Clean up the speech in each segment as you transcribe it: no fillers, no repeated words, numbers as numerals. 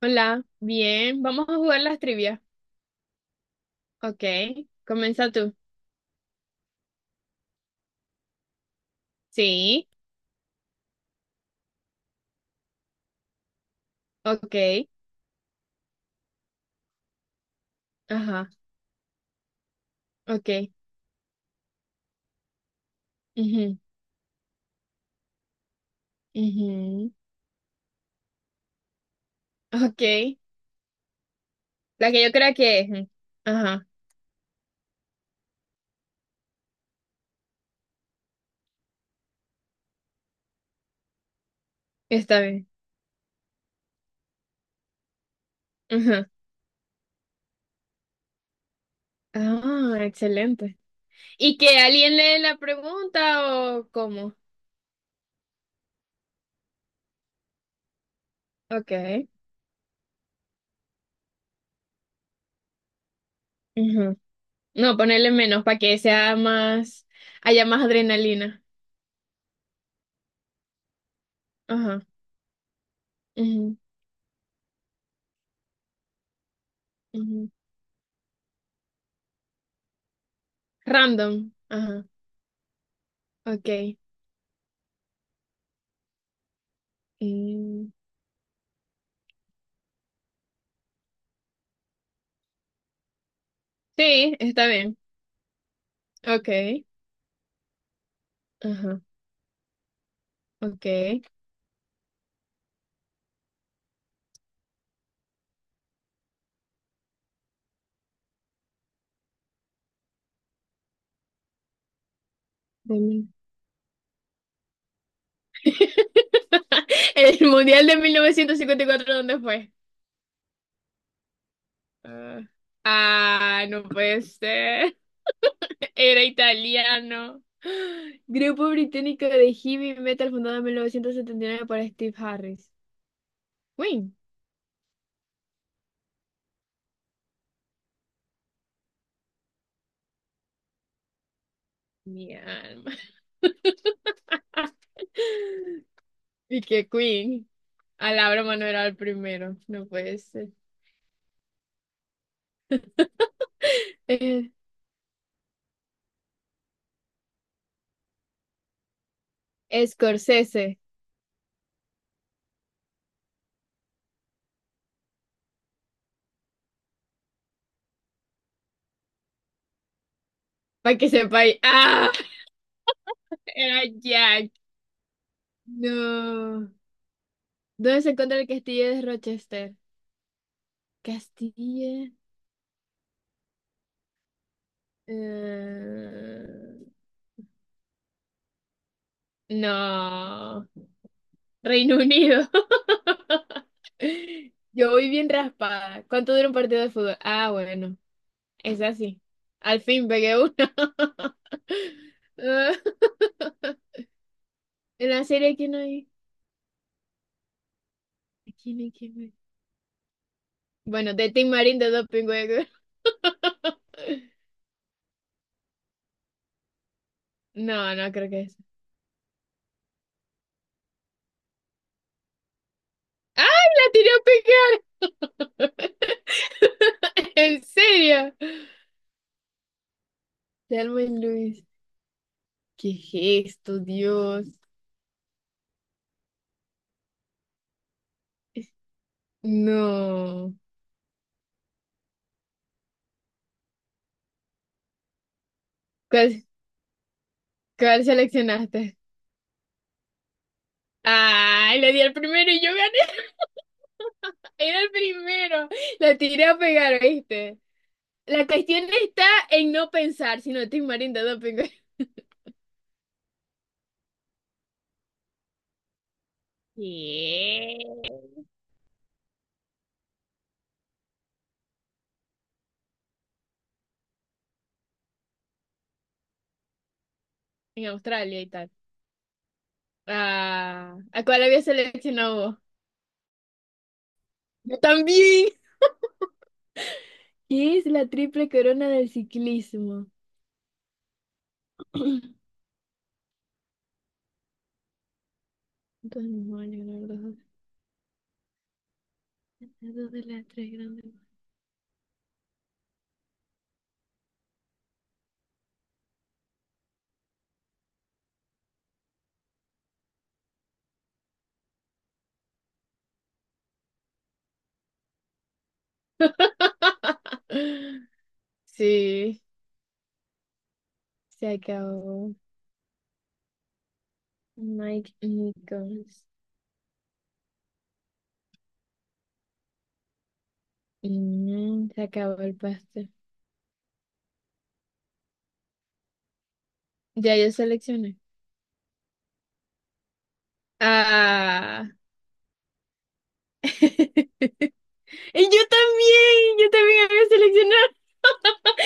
Hola, bien, vamos a jugar las trivias. Ok, comienza tú. Sí, ok, ajá, ok, ujú, ujú, ok. La que yo creo que es. Ujú, ajá, está bien. Ajá. Ah, excelente. ¿Y que alguien lee la pregunta o cómo? Ok, ujú. No, ponerle menos para que sea más, haya más adrenalina. Ajá, ujú, ujú. Random, ajá, ok. Mm, sí, está bien. Okay, ajá, okay. De mil- El mundial de 1954, ¿dónde fue? Ah, ah, no puede ser. Era italiano. Grupo británico de heavy metal fundado en 1979 por Steve Harris. Queen. Mi alma. Y que Queen. A la broma no era el primero. No puede ser. Eh, Scorsese. Para que sepa. ¡Ah! Era Jack. No. ¿Dónde se encuentra el castillo de Rochester? Castillo. eh, No. Reino Unido. Yo voy bien raspada. ¿Cuánto dura un partido de fútbol? Ah, bueno. Es así. Al fin pegué uno. Ah, en la serie, ¿quién hay? ¿Quién hay? ¿Quién hay? Bueno, de Tim Marín de Doping Web. No, no creo que es. ¡Ay, la tiré a pegar! ¿En serio? Telma y Luis. ¿Qué gesto, Dios? No. ¿Cuál, cuál seleccionaste? ¡Ay, le di al primero y yo gané! Era el primero. La tiré a pegar, ¿viste? La cuestión está en no pensar, si no te marinda doping. ¿Qué? En Australia y tal. Ah, ¿a cuál había seleccionado vos? Yo también. ¿Qué es la triple corona del ciclismo? Dos mismos años, ganar los dos de las tres grandes. Sí, se acabó. Mike Nichols. Mm, se acabó el pastel. Ya yo seleccioné. Ah. Y yo también había seleccionado.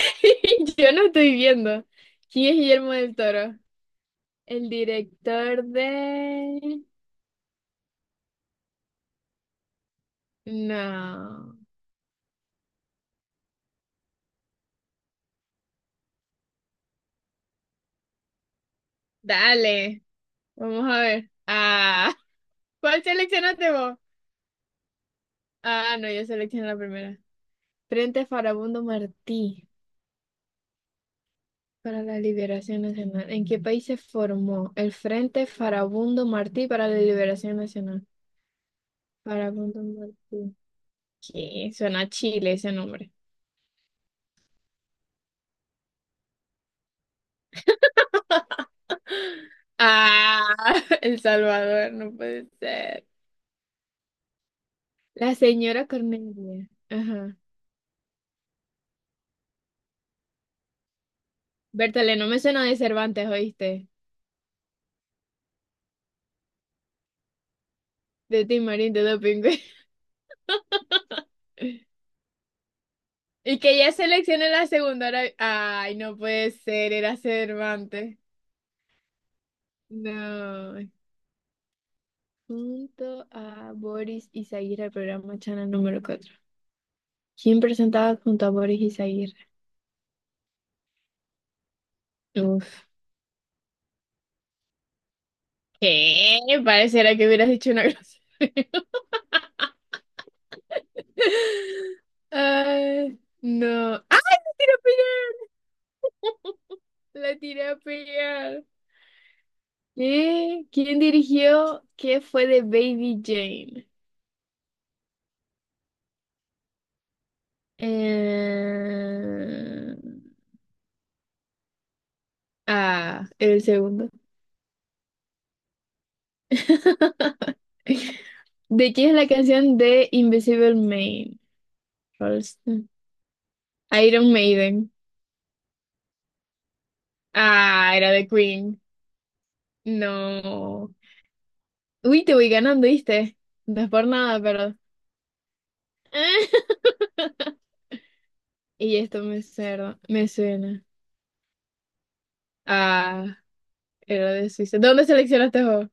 Yo no estoy viendo. ¿Quién es Guillermo del Toro? El director de... No. Dale. Vamos a ver. Ah, ¿cuál seleccionaste vos? Ah, no, yo seleccioné la primera. Frente Farabundo Martí para la Liberación Nacional. ¿En qué país se formó el Frente Farabundo Martí para la Liberación Nacional? Farabundo Martí. ¿Qué? Suena a Chile ese nombre. Ah, El Salvador, no puede ser. La señora Cornelia. Ajá. Bertale, no me suena de Cervantes, ¿oíste? De Timarín, de Dopingüe. Y que ya seleccioné la segunda. Ahora- ay, no puede ser, era Cervantes. No. Junto a Boris Izaguirre, el programa Channel número cuatro. ¿Quién presentaba junto a Boris Izaguirre? Uf. ¿Qué? Pareciera que hubieras dicho una grosería. Ay, no. ¡Ay, la tiré a pillar! La tiré a pillar. ¿Qué? ¿Quién dirigió? ¿Qué fue de Baby Jane? Eh... Ah, era el segundo. ¿De quién es la canción de Invisible Man? Rolston. Iron Maiden. Ah, era de Queen. No. Uy, te voy ganando, ¿viste? No es por nada, pero. Y esto me suena. Me suena. Ah, era de Suiza. ¿De dónde seleccionaste vos?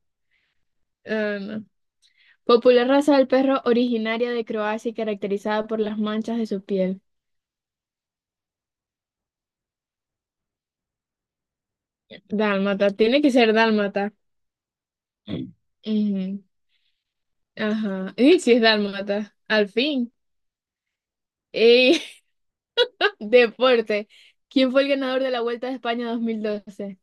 Ah, no. Popular raza del perro originaria de Croacia y caracterizada por las manchas de su piel. Dálmata. Tiene que ser dálmata. Ujú. Ajá. Y si es dálmata, al fin. Eh, deporte. ¿Quién fue el ganador de la Vuelta de España 2012?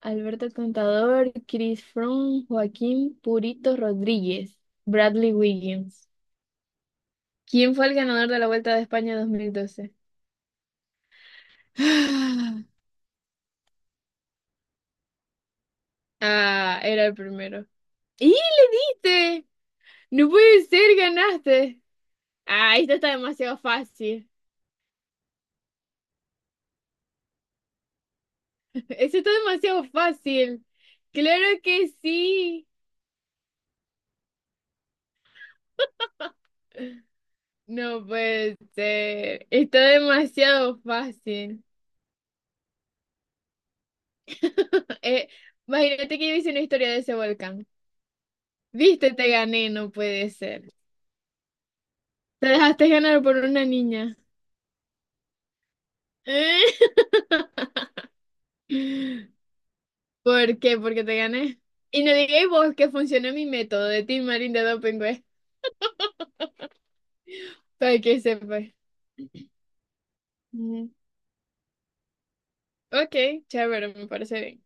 Alberto Contador, Chris Froome, Joaquín Purito Rodríguez, Bradley Wiggins. ¿Quién fue el ganador de la Vuelta de España 2012? Ah, era el primero. ¡Y le diste! No puede ser, ganaste. Ah, esto está demasiado fácil. Eso está demasiado fácil. Claro que sí. No puede ser. Está demasiado fácil. Eh, imagínate que yo hice una historia de ese volcán. Viste, te gané, no puede ser. Te dejaste ganar por una niña. ¿Por qué? Porque te gané. Y no digáis vos que funcionó mi método de Team Marín de Dopingüe, para que sepas. Ujú. Ok, chévere, me parece bien.